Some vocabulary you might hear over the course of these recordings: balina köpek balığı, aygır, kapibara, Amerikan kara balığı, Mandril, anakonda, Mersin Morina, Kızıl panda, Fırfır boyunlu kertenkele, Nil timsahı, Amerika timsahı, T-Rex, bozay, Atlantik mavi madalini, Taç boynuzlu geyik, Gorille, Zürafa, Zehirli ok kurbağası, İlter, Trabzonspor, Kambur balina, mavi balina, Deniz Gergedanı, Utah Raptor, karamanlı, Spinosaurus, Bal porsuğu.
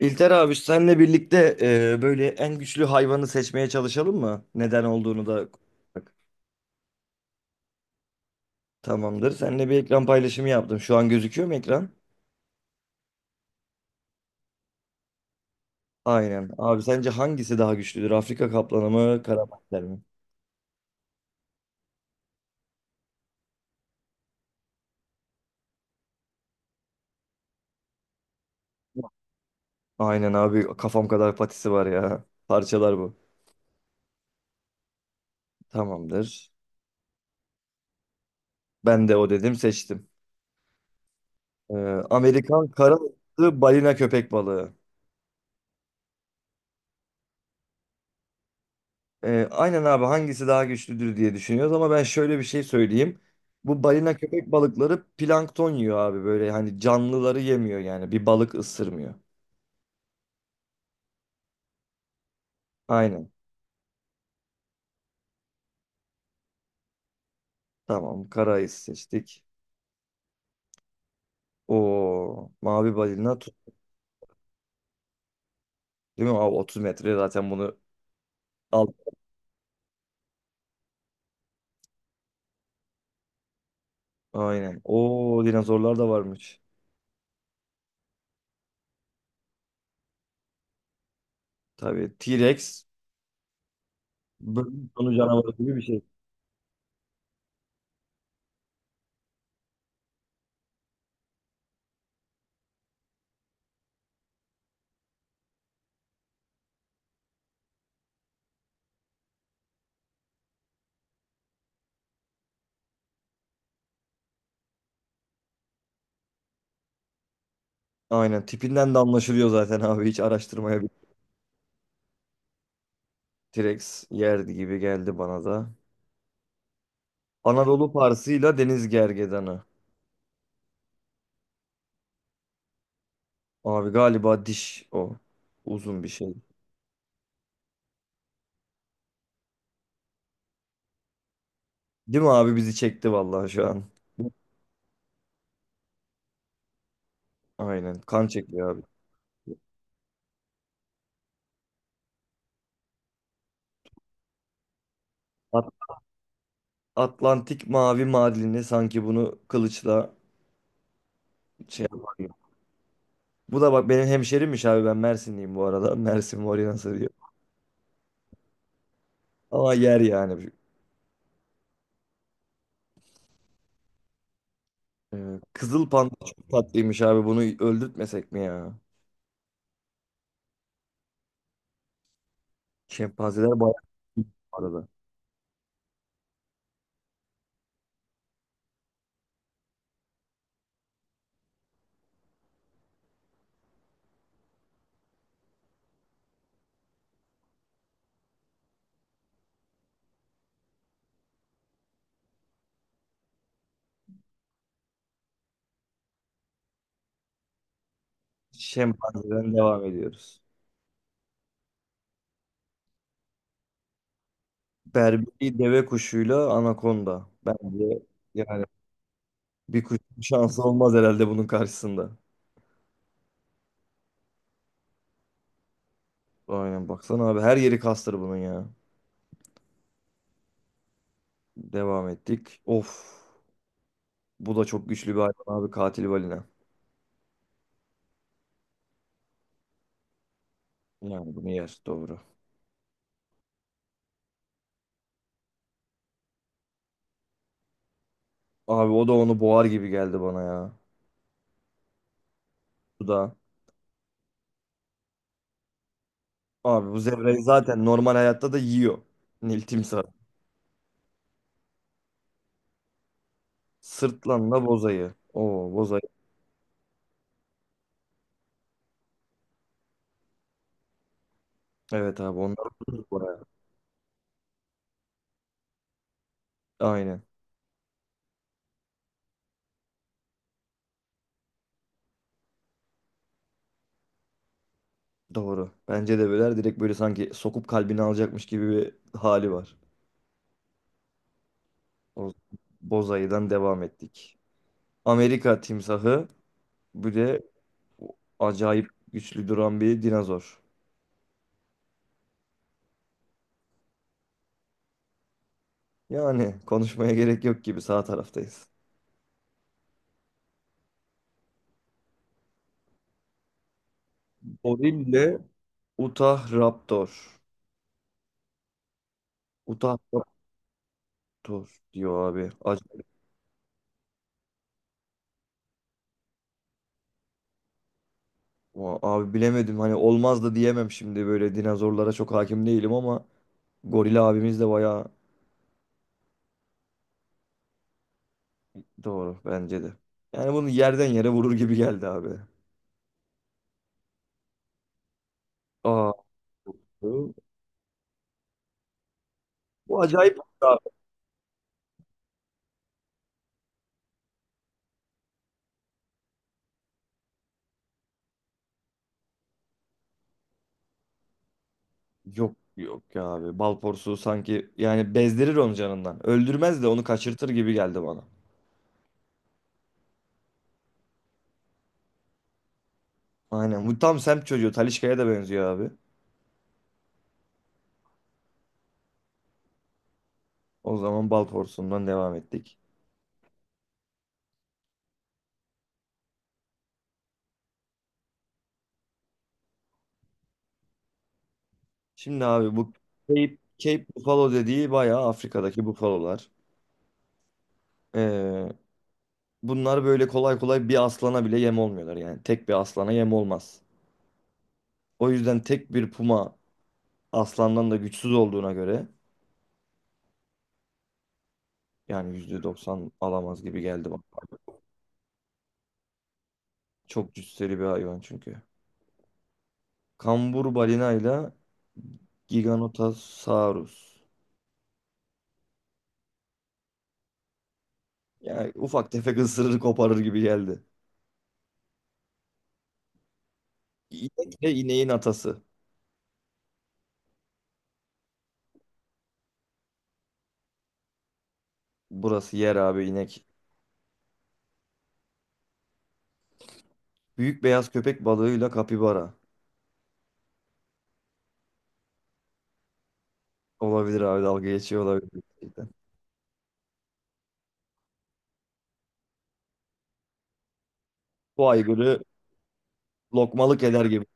İlter abi senle birlikte böyle en güçlü hayvanı seçmeye çalışalım mı? Neden olduğunu da bak, tamamdır. Seninle bir ekran paylaşımı yaptım. Şu an gözüküyor mu ekran? Aynen. Abi sence hangisi daha güçlüdür? Afrika kaplanı mı, karamanlar mı? Aynen abi kafam kadar patisi var ya. Parçalar bu. Tamamdır. Ben de o dedim, seçtim. E, Amerikan kara balığı, balina köpek balığı. Aynen abi hangisi daha güçlüdür diye düşünüyoruz ama ben şöyle bir şey söyleyeyim. Bu balina köpek balıkları plankton yiyor abi, böyle hani canlıları yemiyor yani, bir balık ısırmıyor. Aynen. Tamam, karayı seçtik. O mavi balina tut, değil mi abi? 30 metre zaten, bunu al. Aynen. O dinozorlar da varmış. Tabii T-Rex bölüm sonu canavarı gibi bir şey. Aynen tipinden de anlaşılıyor zaten abi hiç araştırmaya bir T-Rex yerdi gibi geldi bana da. Anadolu Parsı'yla Deniz Gergedanı. Abi galiba diş o. Uzun bir şey. Değil mi abi, bizi çekti vallahi şu an. Aynen, kan çekiyor abi. At- Atlantik mavi madalini sanki bunu kılıçla şey yapar gibi. Bu da bak benim hemşerimmiş abi, ben Mersinliyim bu arada. Mersin Morina sarıyor. Ama yer yani. Kızıl panda çok tatlıymış abi, bunu öldürtmesek mi ya? Şempanzeler bayağı iyi bu arada. Şempanzeden devam ediyoruz. Berberi deve kuşuyla anakonda. Bence yani bir kuş şansı olmaz herhalde bunun karşısında. Aynen baksana abi, her yeri kastır bunun ya. Devam ettik. Of, bu da çok güçlü bir hayvan abi, katil balina. Yani bunu yer, doğru. Abi o da onu boğar gibi geldi bana ya. Bu da. Abi bu zebrayı zaten normal hayatta da yiyor. Nil timsah. Sırtlanla bozayı. Oo, bozayı. Evet abi, onlar ucuz bu arada. Aynen. Doğru. Bence de böyle direkt böyle sanki sokup kalbini alacakmış gibi bir hali var. O Bozayı'dan devam ettik. Amerika timsahı, bir de acayip güçlü duran bir dinozor. Yani konuşmaya gerek yok gibi, sağ taraftayız. Gorille Utah Raptor. Utah Raptor diyor abi. Acayip. Abi bilemedim, hani olmaz da diyemem şimdi, böyle dinozorlara çok hakim değilim ama goril abimiz de bayağı doğru, bence de. Yani bunu yerden yere vurur gibi geldi abi. Aa, bu bu acayip oldu abi. Yok yok ya abi. Bal porsuğu sanki yani bezdirir onu canından. Öldürmez de onu kaçırtır gibi geldi bana. Aynen. Bu tam semt çocuğu. Talişka'ya da benziyor abi. O zaman bal porsuğundan devam ettik. Şimdi abi bu Cape Buffalo dediği bayağı Afrika'daki bufalolar. Ee, bunlar böyle kolay kolay bir aslana bile yem olmuyorlar. Yani tek bir aslana yem olmaz. O yüzden tek bir puma, aslandan da güçsüz olduğuna göre yani %90 alamaz gibi geldi bana. Çok cüsseli bir hayvan çünkü. Kambur balina ile Giganotosaurus. Yani ufak tefek ısırır koparır gibi geldi. İnek de ineğin atası. Burası yer abi, inek. Büyük beyaz köpek balığıyla kapibara. Olabilir abi, dalga geçiyor olabilir gerçekten. Bu aygırı lokmalık eder gibi.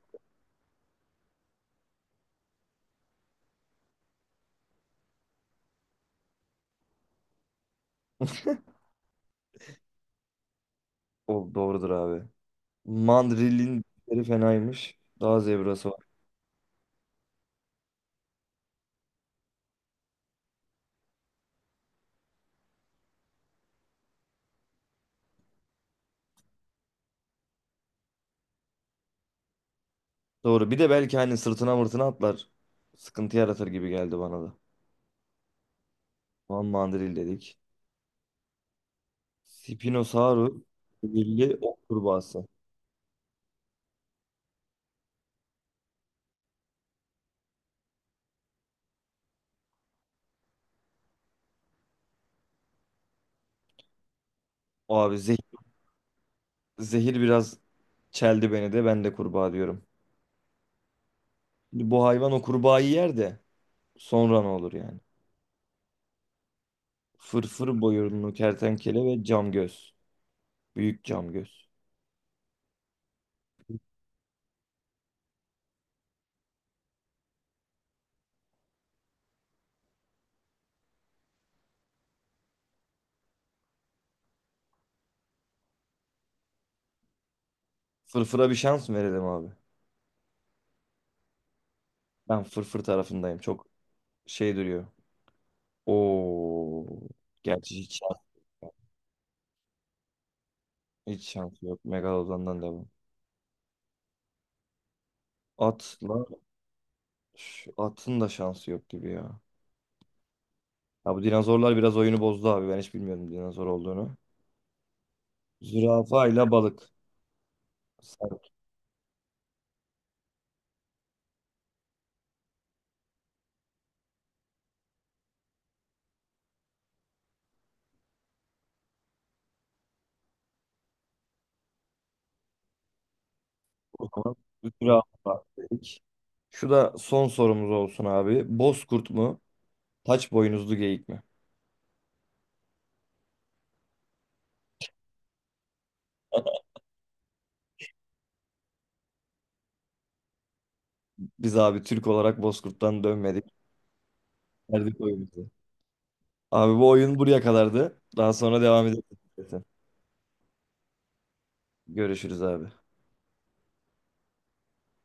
O doğrudur abi. Mandrilin dişleri fenaymış. Daha zebrası doğru. Bir de belki hani sırtına mırtına atlar. Sıkıntı yaratır gibi geldi bana da. Van Mandril dedik. Spinosaurus. Zehirli ok kurbağası. Abi zeh- zehir biraz çeldi beni de, ben de kurbağa diyorum. Şimdi bu hayvan o kurbağayı yer de sonra ne olur yani? Fırfır boyunlu kertenkele ve cam göz. Büyük cam göz. Fırfıra bir şans mı verelim abi? Ben fırfır tarafındayım. Çok şey duruyor. Oo. Gerçi hiç şans, hiç şansı yok. Megalodon'dan devam. Atla atın da şansı yok gibi ya. Ya bu dinozorlar biraz oyunu bozdu abi, ben hiç bilmiyordum dinozor olduğunu. Zürafa ile balık. Sert o zaman. Zürafa dedik. Şu da son sorumuz olsun abi. Bozkurt mu? Taç boynuzlu geyik mi? Biz abi Türk olarak Bozkurt'tan dönmedik. Verdik oyunumuzu. Abi bu oyun buraya kadardı. Daha sonra devam edeceğiz. Görüşürüz abi.